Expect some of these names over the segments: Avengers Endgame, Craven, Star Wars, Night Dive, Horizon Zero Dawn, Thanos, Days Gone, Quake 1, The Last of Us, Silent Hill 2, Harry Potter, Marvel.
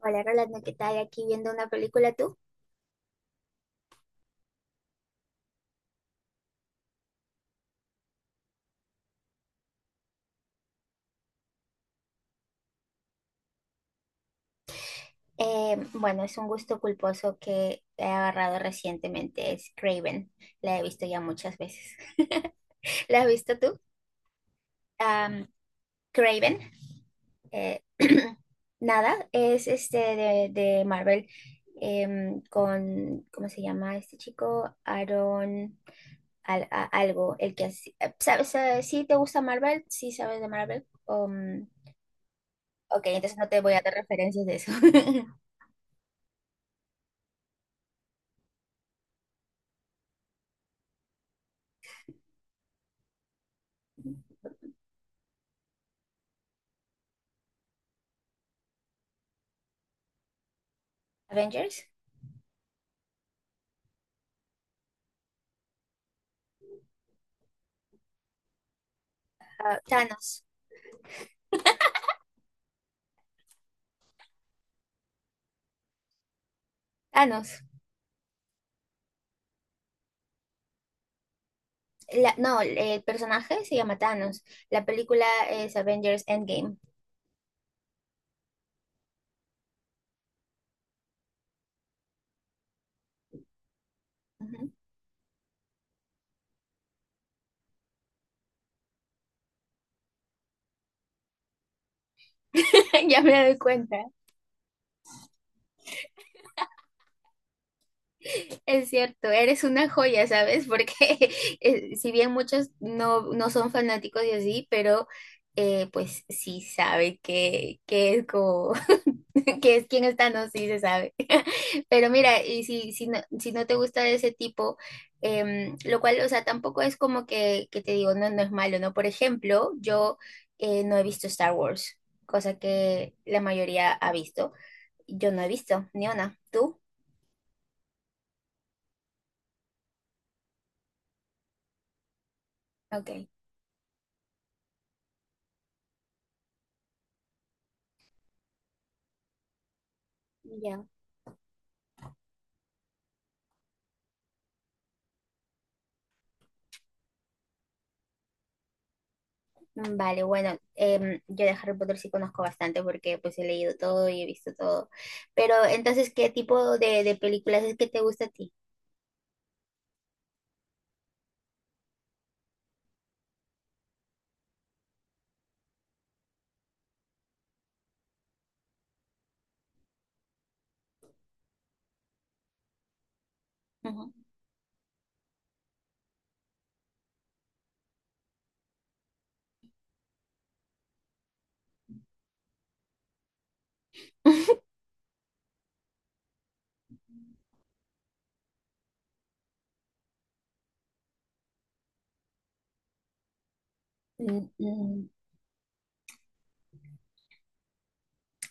Hola Rolando, ¿qué tal? Aquí viendo una película tú. Bueno, es un gusto culposo que he agarrado recientemente, es Craven. La he visto ya muchas veces. ¿La has visto tú? Am, Craven. eh, Nada, es este de Marvel con, ¿cómo se llama este chico? Aaron algo, el ¿Sabes? ¿Sí te gusta Marvel? ¿Sí sabes de Marvel? Ok, entonces no te voy a dar referencias de eso. Avengers. Ah, Thanos. Thanos. No, el personaje se llama Thanos. La película es Avengers Endgame. Ujú. Ya me doy cuenta. Es cierto, eres una joya, ¿sabes? Porque si bien muchos no son fanáticos y así, pero pues sí sabe que es como que es quién está, no, sí se sabe. Pero mira, y si no te gusta de ese tipo, lo cual, o sea, tampoco es como que te digo, no, no es malo, ¿no? Por ejemplo, yo no he visto Star Wars, cosa que la mayoría ha visto. Yo no he visto, ni una. ¿Tú? Ok. Ya. Vale, bueno, yo de Harry Potter sí conozco bastante porque pues he leído todo y he visto todo. Pero entonces, ¿qué tipo de películas es que te gusta a ti? Ujú. Mm, mm,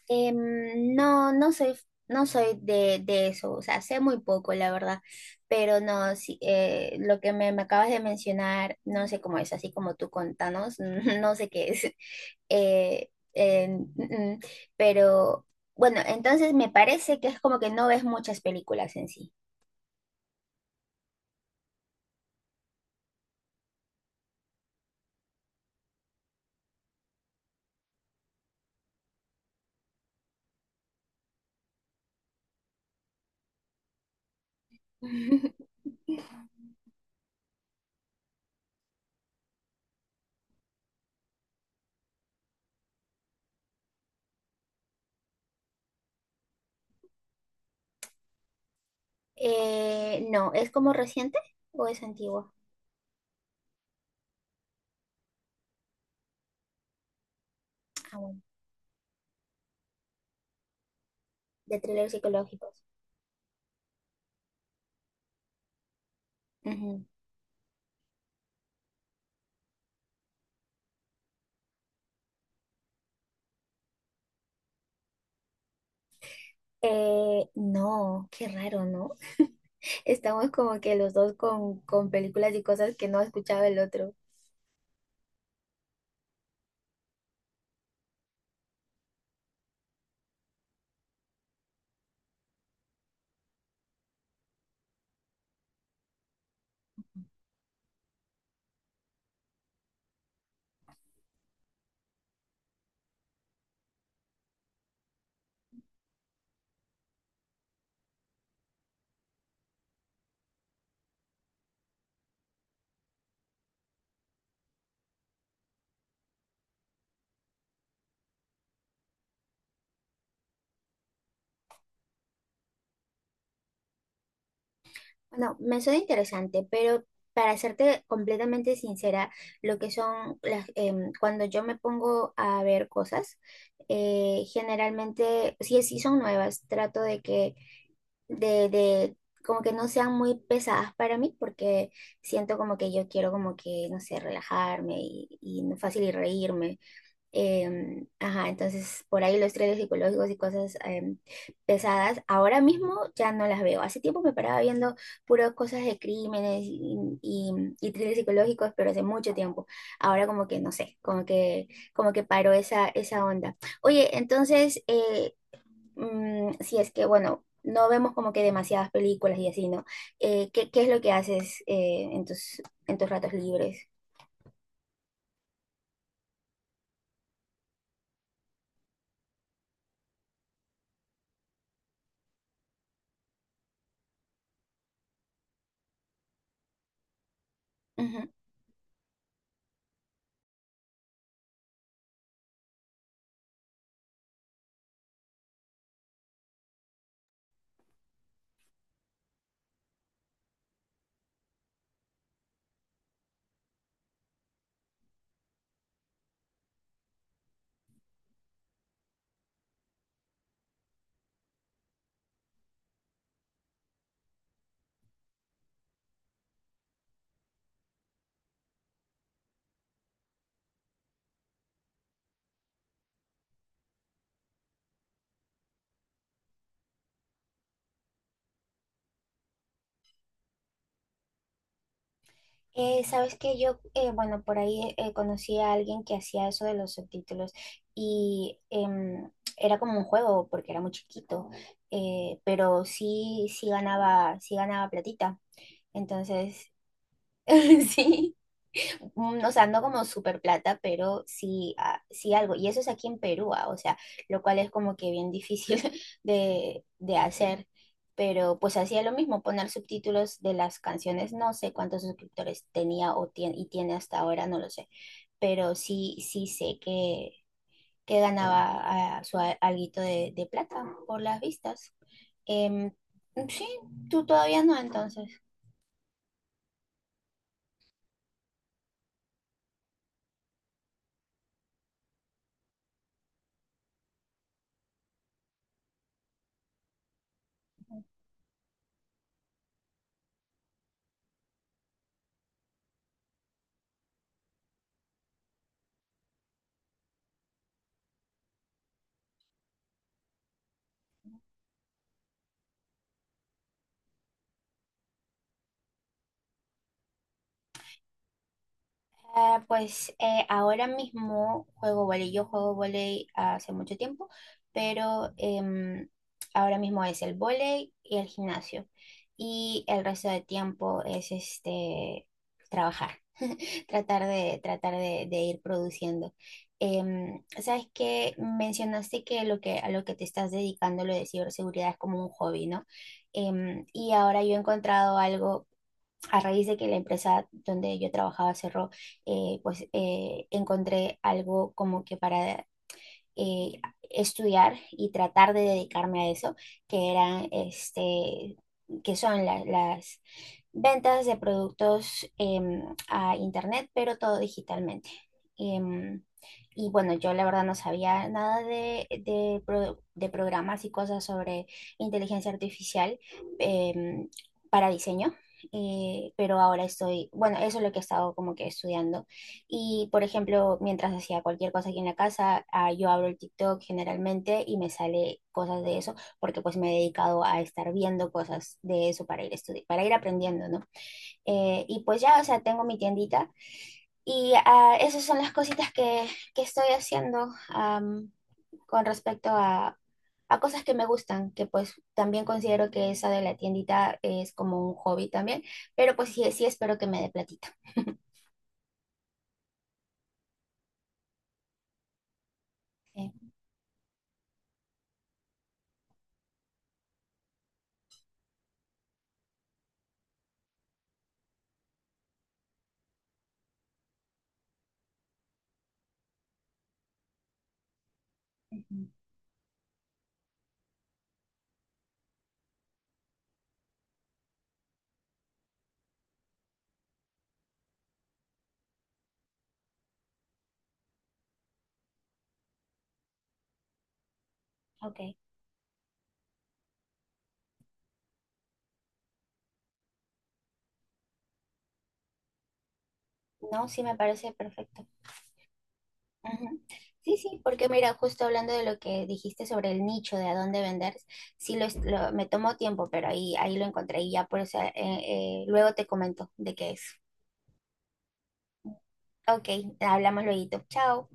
No, no soy de eso, o sea, sé muy poco, la verdad, pero no, sí, lo que me acabas de mencionar, no sé cómo es, así como tú contanos, no sé qué es, eh, eh, mm, mm, pero bueno, entonces me parece que es como que no ves muchas películas en sí. No, ¿es como reciente o es antigua? Ah, bueno, de thrillers psicológicos. Ujú. No, qué raro, ¿no? Estamos como que los dos con películas y cosas que no escuchaba el otro. Bueno, me suena interesante, pero para serte completamente sincera, lo que son las, cuando yo me pongo a ver cosas, generalmente, si son nuevas, trato de que, de, como que no sean muy pesadas para mí, porque siento como que yo quiero como que, no sé, relajarme y fácil y reírme. Ajá, entonces por ahí los thrillers psicológicos y cosas pesadas, ahora mismo ya no las veo. Hace tiempo me paraba viendo puras cosas de crímenes y thrillers psicológicos, pero hace mucho tiempo. Ahora como que no sé, como como que paró esa onda. Oye, entonces, si es que, bueno, no vemos como que demasiadas películas y así, ¿no? ¿Qué es lo que haces en tus ratos libres? Ujú. Sabes que yo, bueno, por ahí conocí a alguien que hacía eso de los subtítulos y era como un juego porque era muy chiquito, pero sí ganaba platita. Entonces, sí, o sea, no como super plata, pero sí, ah, sí algo. Y eso es aquí en Perú, ah, o sea, lo cual es como que bien difícil de hacer. Pero pues hacía lo mismo, poner subtítulos de las canciones. No sé cuántos suscriptores tenía o tiene, y tiene hasta ahora, no lo sé. Pero sí, sí sé que ganaba ah, su alguito de plata por las vistas. Em, sí, tú todavía no, entonces. Ah, pues ahora mismo juego volei. Yo juego volei hace mucho tiempo, pero ahora mismo es el volei y el gimnasio. Y el resto de tiempo es este trabajar, tratar de ir produciendo. Sabes que mencionaste que lo que a lo que te estás dedicando, lo de ciberseguridad, es como un hobby, ¿no? Y ahora yo he encontrado algo a raíz de que la empresa donde yo trabajaba cerró, pues encontré algo como que para eh, estudiar y tratar de dedicarme a eso, que eran, este, que son las ventas de productos em, a internet, pero todo digitalmente. Em, y bueno, yo la verdad no sabía nada de programas y cosas sobre inteligencia artificial em, para diseño, pero ahora estoy, bueno, eso es lo que he estado como que estudiando y, por ejemplo, mientras hacía cualquier cosa aquí en la casa, ah, yo abro el TikTok generalmente y me sale cosas de eso, porque pues me he dedicado a estar viendo cosas de eso para ir para ir aprendiendo, ¿no? Y pues ya, o sea, tengo mi tiendita y ah, esas son las cositas que estoy haciendo con respecto a cosas que me gustan, que pues también considero que esa de la tiendita es como un hobby también, pero pues sí, sí espero que me dé platita. Eh, Ujú, ok. No, sí me parece perfecto. Ujú. Sí, sí, porque mira, justo hablando de lo que dijiste sobre el nicho, de a dónde vender, sí lo, me tomó tiempo, pero ahí, ahí lo encontré y ya por eso luego te comento de qué es. Ok, hablamos luego. Chao.